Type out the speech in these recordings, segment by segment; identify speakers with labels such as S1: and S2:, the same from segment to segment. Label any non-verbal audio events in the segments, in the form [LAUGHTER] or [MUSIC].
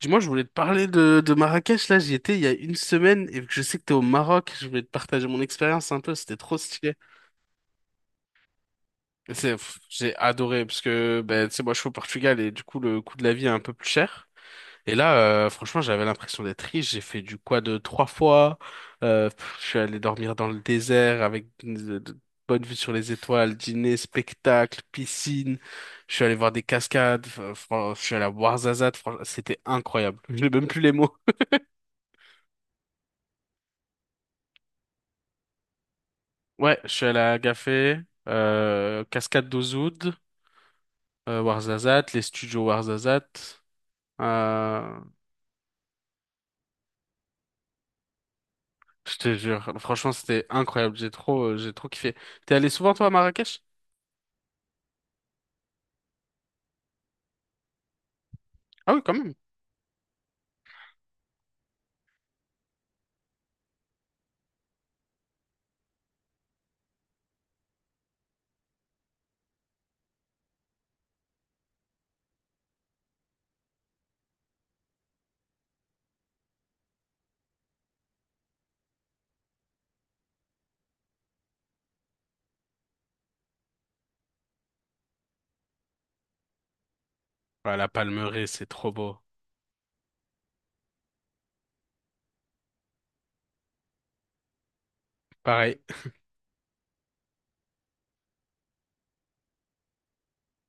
S1: Dis-moi, je voulais te parler de Marrakech. Là, j'y étais il y a une semaine et vu que je sais que t'es au Maroc, je voulais te partager mon expérience un peu. C'était trop stylé. J'ai adoré parce que, ben, tu sais, moi, je suis au Portugal et du coup, le coût de la vie est un peu plus cher. Et là, franchement, j'avais l'impression d'être riche. J'ai fait du quad 3 fois. Je suis allé dormir dans le désert avec de bonne vue sur les étoiles, dîner, spectacle, piscine. Je suis allé voir des cascades. Je suis allé à Ouarzazate. Franchement, c'était incroyable. Je n'ai même plus les mots. Ouais, je suis allé à Agafé, Cascade d'Ozoud, Ouarzazate, les studios Ouarzazate. Euh, je te jure, franchement, c'était incroyable. J'ai trop kiffé. T'es allé souvent, toi, à Marrakech? Ah oui, quand même. Ouais, la Palmeraie, c'est trop beau. Pareil.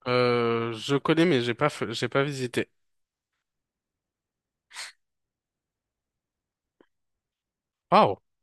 S1: Je connais, mais j'ai pas visité. Waouh! [LAUGHS]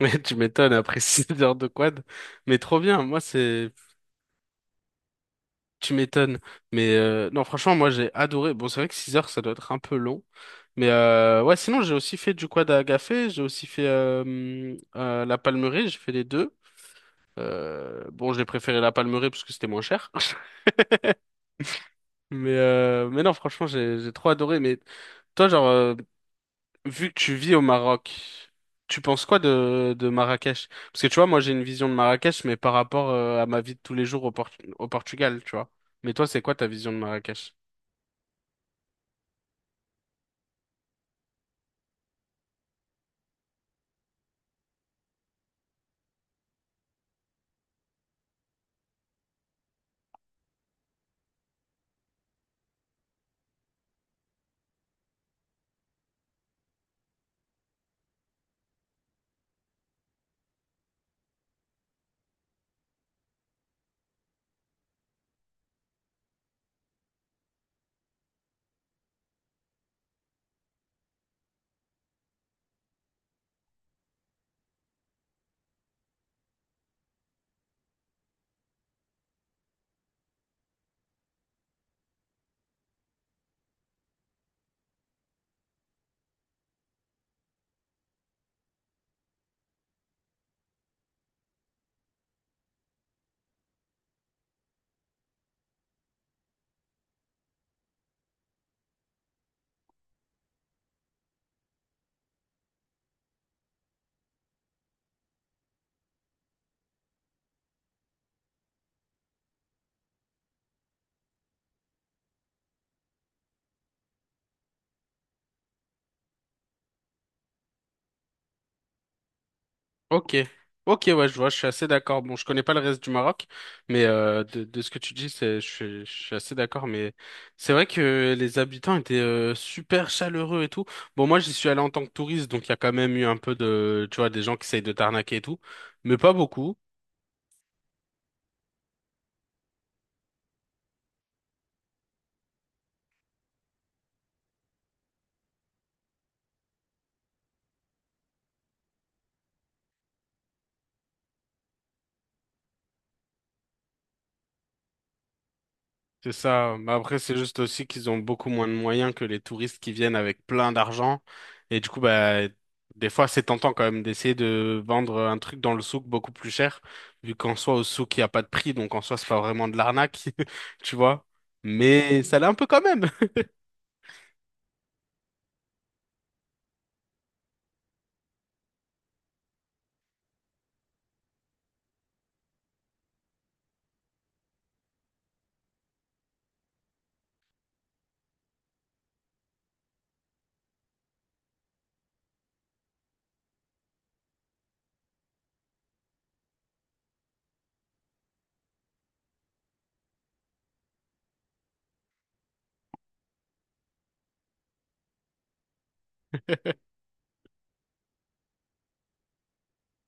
S1: Mais tu m'étonnes après [LAUGHS] 6 heures de quad. Mais trop bien. Moi, c'est tu m'étonnes. Mais non, franchement, moi j'ai adoré. Bon, c'est vrai que 6 heures, ça doit être un peu long. Mais ouais, sinon, j'ai aussi fait du quad à agafé, j'ai aussi fait la palmeraie, j'ai fait les deux. Bon, j'ai préféré la palmeraie parce que c'était moins cher. [LAUGHS] Mais non, franchement, j'ai trop adoré. Mais toi, genre, vu que tu vis au Maroc, tu penses quoi de Marrakech? Parce que tu vois, moi j'ai une vision de Marrakech, mais par rapport à ma vie de tous les jours au Portugal, tu vois. Mais toi, c'est quoi ta vision de Marrakech? Ok, ok, ouais, je vois, je suis assez d'accord. Bon, je connais pas le reste du Maroc, mais de ce que tu dis, c'est, je suis assez d'accord. Mais c'est vrai que les habitants étaient super chaleureux et tout. Bon, moi, j'y suis allé en tant que touriste, donc il y a quand même eu un peu de, tu vois, des gens qui essayent de t'arnaquer et tout, mais pas beaucoup. C'est ça. Mais après, c'est juste aussi qu'ils ont beaucoup moins de moyens que les touristes qui viennent avec plein d'argent. Et du coup, bah, des fois, c'est tentant quand même d'essayer de vendre un truc dans le souk beaucoup plus cher, vu qu'en soi, au souk, il n'y a pas de prix. Donc, en soi, c'est pas vraiment de l'arnaque, [LAUGHS] tu vois. Mais ça l'est un peu quand même.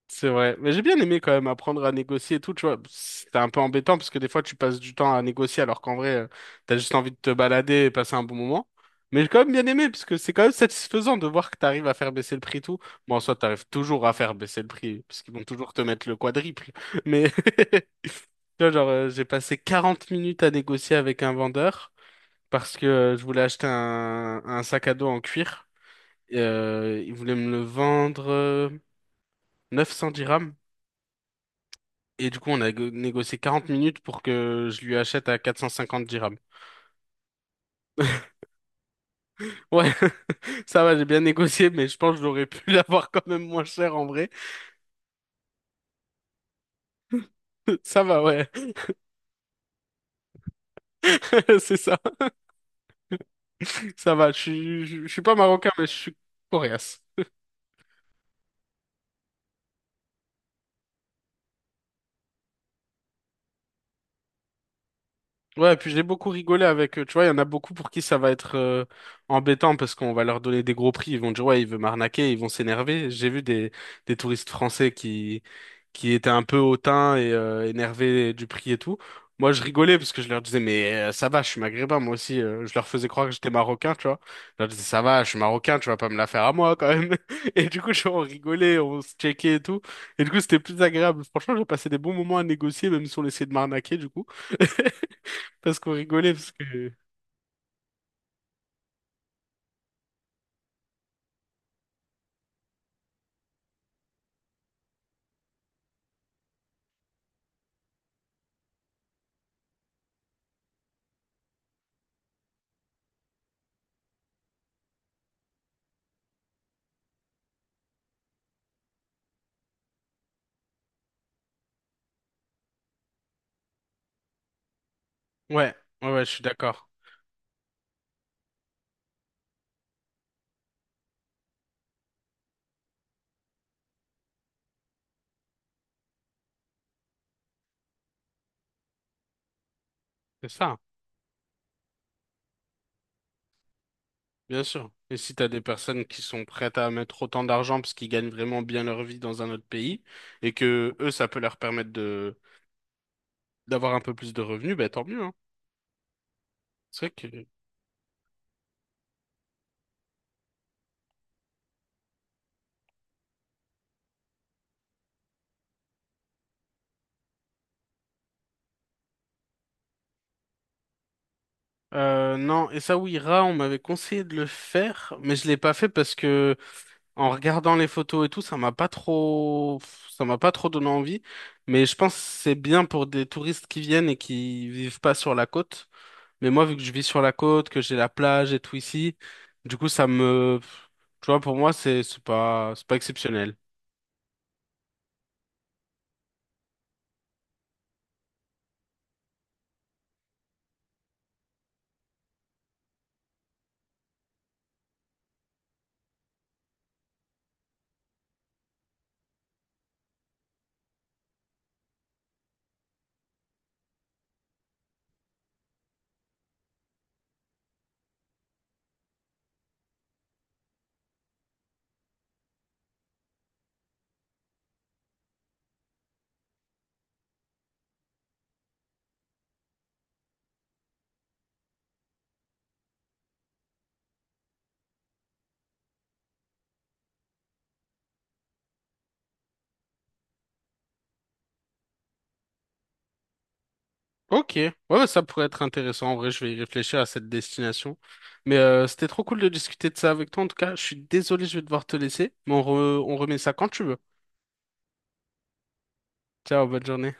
S1: C'est vrai. Mais j'ai bien aimé quand même apprendre à négocier et tout, tu vois. C'était un peu embêtant parce que des fois tu passes du temps à négocier alors qu'en vrai, t'as juste envie de te balader et passer un bon moment. Mais j'ai quand même bien aimé parce que c'est quand même satisfaisant de voir que t'arrives à faire baisser le prix et tout. Bon, en soi, t'arrives toujours à faire baisser le prix parce qu'ils vont toujours te mettre le quadruple. Mais [LAUGHS] tu vois, genre, j'ai passé 40 minutes à négocier avec un vendeur parce que je voulais acheter un sac à dos en cuir. Et, il voulait me le vendre 900 dirhams. Et du coup, on a négocié 40 minutes pour que je lui achète à 450 dirhams. Ouais, [LAUGHS] ça va, j'ai bien négocié, mais je pense que j'aurais pu [LAUGHS] l'avoir quand même moins cher en vrai. [LAUGHS] Ça va, ouais, [LAUGHS] c'est ça. Ça va, je suis pas marocain, mais je suis coréen. Ouais, et puis j'ai beaucoup rigolé avec eux. Tu vois, il y en a beaucoup pour qui ça va être embêtant parce qu'on va leur donner des gros prix. Ils vont dire, ouais, il veut m'arnaquer, ils vont s'énerver. J'ai vu des touristes français qui étaient un peu hautains et énervés du prix et tout. Moi, je rigolais parce que je leur disais, mais ça va, je suis maghrébin, moi aussi. Je leur faisais croire que j'étais marocain, tu vois. Je leur disais, ça va, je suis marocain, tu vas pas me la faire à moi quand même. [LAUGHS] Et du coup, on rigolait, on se checkait et tout. Et du coup, c'était plus agréable. Franchement, j'ai passé des bons moments à négocier, même si on essayait de m'arnaquer, du coup. [LAUGHS] Parce qu'on rigolait, parce que... Ouais, ouais, ouais, je suis d'accord. C'est ça, bien sûr. Et si t'as des personnes qui sont prêtes à mettre autant d'argent parce qu'ils gagnent vraiment bien leur vie dans un autre pays, et que eux, ça peut leur permettre de d'avoir un peu plus de revenus, ben tant mieux, hein. C'est vrai que... Non, et ça, oui, Ra, on m'avait conseillé de le faire, mais je l'ai pas fait parce que en regardant les photos et tout, ça m'a pas trop donné envie. Mais je pense que c'est bien pour des touristes qui viennent et qui vivent pas sur la côte. Mais moi, vu que je vis sur la côte, que j'ai la plage et tout ici, du coup, tu vois, pour moi, c'est pas exceptionnel. Ok. Ouais, ouais, ça pourrait être intéressant. En vrai, je vais y réfléchir à cette destination. Mais c'était trop cool de discuter de ça avec toi. En tout cas, je suis désolé, je vais devoir te laisser. Mais on remet ça quand tu veux. Ciao, bonne journée.